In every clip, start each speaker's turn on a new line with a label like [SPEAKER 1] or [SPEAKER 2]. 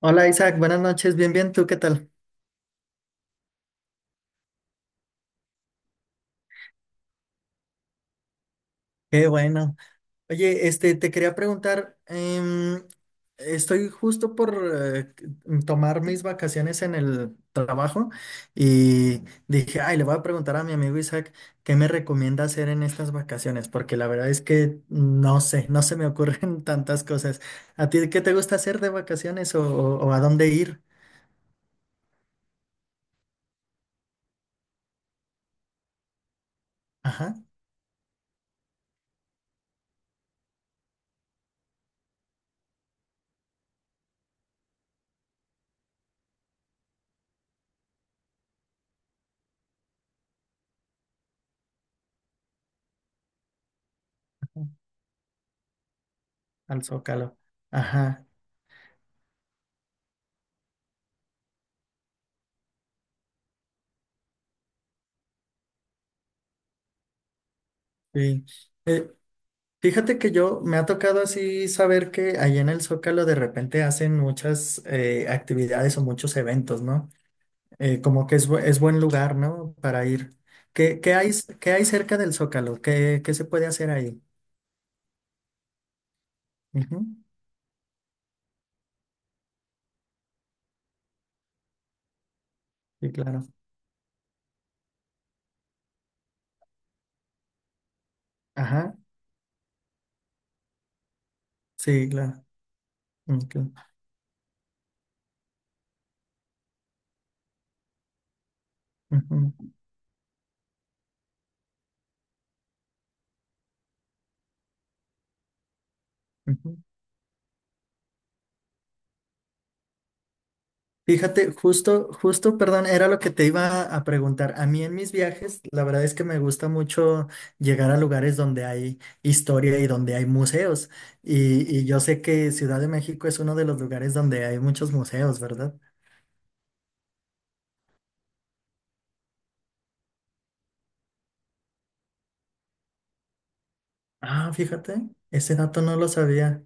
[SPEAKER 1] Hola Isaac, buenas noches, bien, bien, ¿tú qué tal? Qué bueno. Oye, te quería preguntar, estoy justo por eh, tomar mis vacaciones en el trabajo y dije, ay, le voy a preguntar a mi amigo Isaac qué me recomienda hacer en estas vacaciones, porque la verdad es que no sé, no se me ocurren tantas cosas. ¿A ti qué te gusta hacer de vacaciones o, o a dónde ir? Ajá, al Zócalo. Ajá, sí. Eh, Fíjate que yo me ha tocado así saber que allá en el Zócalo de repente hacen muchas actividades o muchos eventos, ¿no? Como que es, es buen lugar, ¿no? Para ir. ¿Qué, qué hay, qué hay cerca del Zócalo? ¿Qué, qué se puede hacer ahí? Ujú, sí, claro. Ajá, sí, claro. Ok. Ujú, ujú, ujú. Fíjate, justo, justo, perdón, era lo que te iba a preguntar. A mí en mis viajes, la verdad es que me gusta mucho llegar a lugares donde hay historia y donde hay museos. Y yo sé que Ciudad de México es uno de los lugares donde hay muchos museos, ¿verdad? Ah, fíjate, ese dato no lo sabía.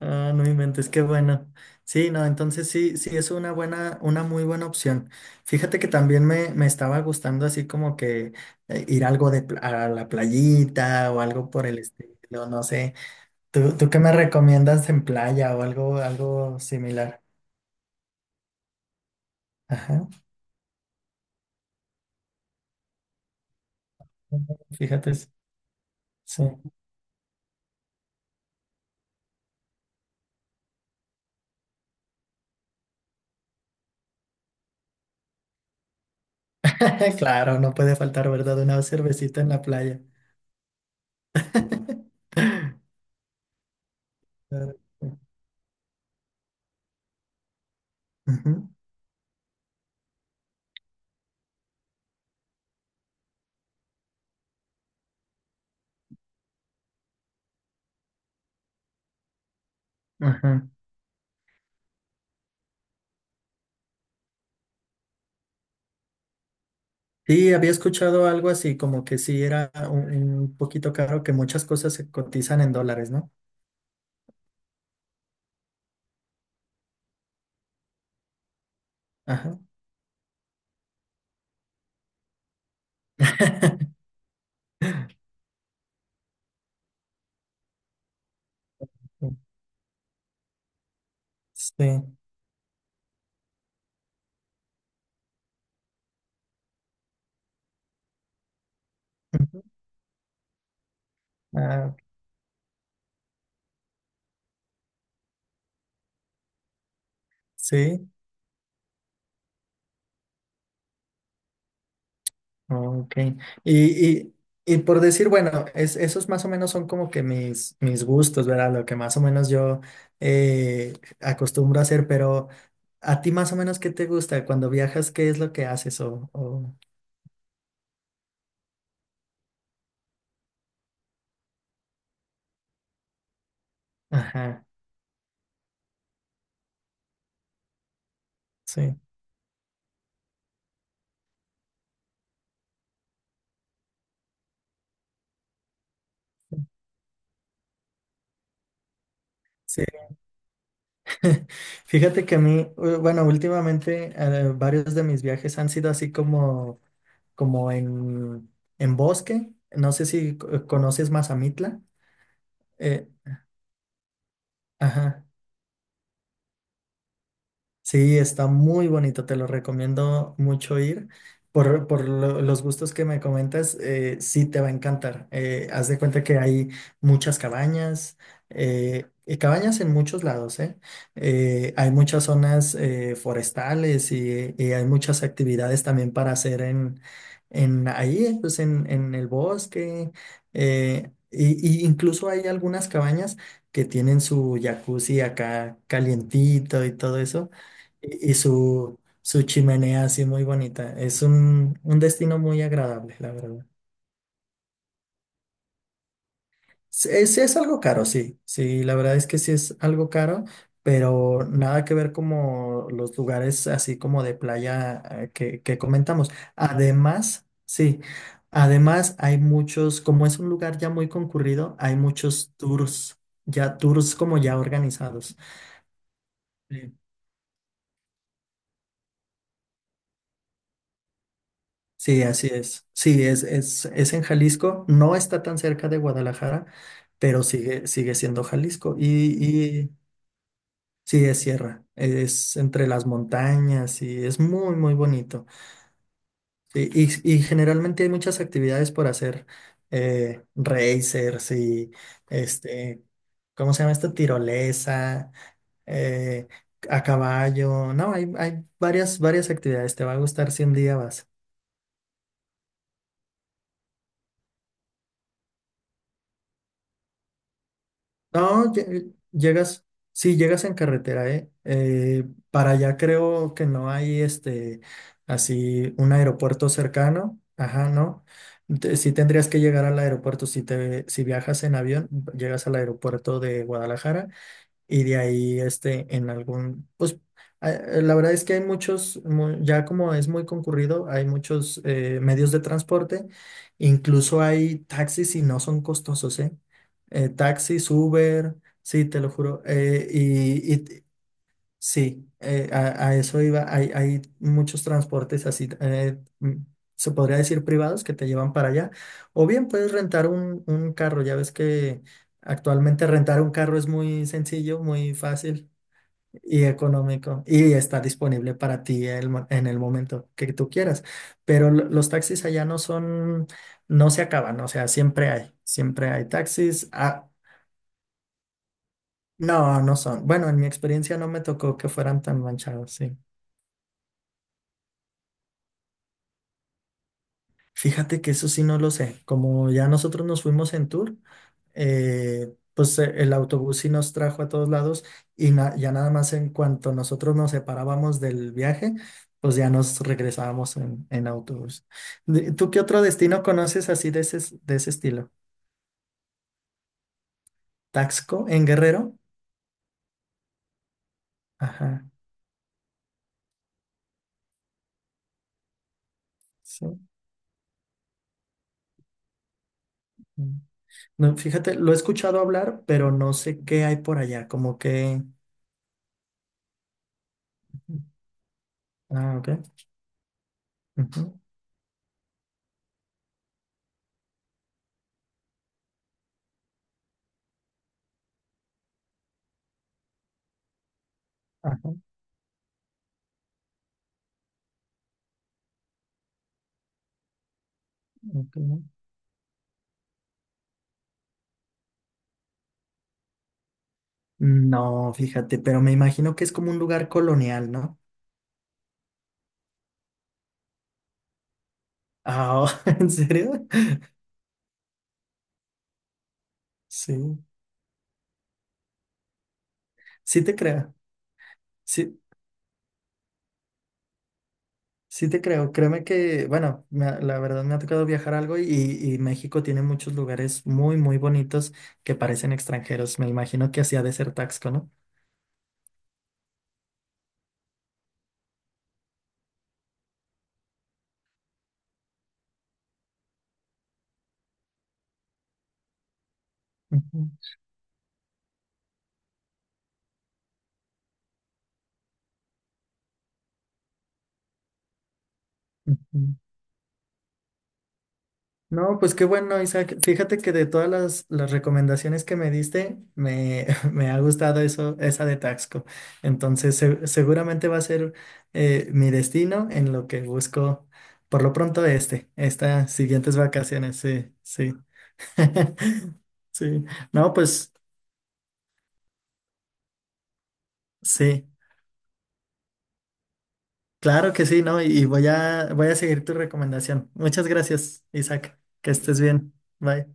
[SPEAKER 1] Ah, no inventes, qué bueno. Sí, no, entonces sí, sí es una buena, una muy buena opción. Fíjate que también me estaba gustando así como que ir algo de a la playita o algo por el estilo, no sé. ¿Tú, tú qué me recomiendas en playa o algo, algo similar? Ajá. Fíjate, sí. Claro, no puede faltar, ¿verdad? Una cervecita en la playa. Claro, sí. Ujú, ajá. Sí, había escuchado algo así, como que sí era un poquito caro, que muchas cosas se cotizan en dólares, ¿no? Ajá. Sí. Ujú. Ah, sí, ok. Y, y, y por decir, bueno, es, esos más o menos son como que mis, mis gustos, ¿verdad? Lo que más o menos yo eh, acostumbro a hacer, pero ¿a ti más o menos qué te gusta? Cuando viajas, ¿qué es lo que haces? O... Ajá, sí. Sí. Fíjate que a mí, bueno, últimamente varios de mis viajes han sido así como, como en bosque. No sé si conoces Mazamitla. Eh, ajá. Sí, está muy bonito, te lo recomiendo mucho ir. Por, los gustos que me comentas, sí te va a encantar. Haz de cuenta que hay muchas cabañas, y cabañas en muchos lados, ¿eh? Hay muchas zonas forestales y hay muchas actividades también para hacer en ahí, pues en el bosque. Eh, y incluso hay algunas cabañas que tienen su jacuzzi acá calientito y todo eso. Y su, su chimenea así muy bonita. Es un destino muy agradable, la verdad. Sí, es algo caro, sí. Sí, la verdad es que sí es algo caro, pero nada que ver como los lugares así como de playa que comentamos. Además, sí, además hay muchos, como es un lugar ya muy concurrido, hay muchos tours, ya tours como ya organizados. Sí. Sí, así es. Sí, es en Jalisco. No está tan cerca de Guadalajara, pero sigue, sigue siendo Jalisco. Y sí, es sierra. Es entre las montañas y es muy, muy bonito. Sí, y generalmente hay muchas actividades por hacer. Racers y este, ¿cómo se llama esto? Tirolesa, eh, a caballo. No, hay varias, varias actividades. Te va a gustar si un día vas. No, llegas, sí, llegas en carretera, ¿eh? Para allá creo que no hay así, un aeropuerto cercano, ajá, ¿no? Sí tendrías que llegar al aeropuerto, si te, si viajas en avión, llegas al aeropuerto de Guadalajara y de ahí en algún pues la verdad es que hay muchos ya como es muy concurrido hay muchos medios de transporte incluso hay taxis y no son costosos, ¿eh? Taxis Uber, sí te lo juro, y, sí, a eso iba. Hay muchos transportes así, se podría decir privados, que te llevan para allá. O bien puedes rentar un carro. Ya ves que actualmente rentar un carro es muy sencillo, muy fácil y económico. Y está disponible para ti el en el momento que tú quieras. Pero los taxis allá no son, no se acaban. O sea, siempre hay taxis. Ah, no, no son. Bueno, en mi experiencia no me tocó que fueran tan manchados, sí. Fíjate que eso sí no lo sé. Como ya nosotros nos fuimos en tour, pues el autobús sí nos trajo a todos lados y ya nada más en cuanto nosotros nos separábamos del viaje, pues ya nos regresábamos en autobús. ¿Tú qué otro destino conoces así de ese, de ese estilo? ¿Taxco en Guerrero? Ajá, sí. Mm. No, fíjate, lo he escuchado hablar, pero no sé qué hay por allá, como que... Ah, ok. Ujú, ajá, ok. No, fíjate, pero me imagino que es como un lugar colonial, ¿no? Ah, ¿en serio? Sí, sí te creo, sí, sí te creo. Créeme que, bueno, la verdad me ha tocado viajar algo y México tiene muchos lugares muy, muy bonitos que parecen extranjeros. Me imagino que hacía de ser Taxco, ¿no? Ujú, ujú. No, pues qué bueno, Isaac. Fíjate que de todas las recomendaciones que me diste, me, me ha gustado eso, esa de Taxco. Entonces, seguramente va a ser mi destino en lo que busco, por lo pronto, este, estas siguientes vacaciones. Sí, sí. Sí. No, pues sí, claro que sí, ¿no? Y voy a, voy a seguir tu recomendación. Muchas gracias, Isaac. Que estés bien. Bye.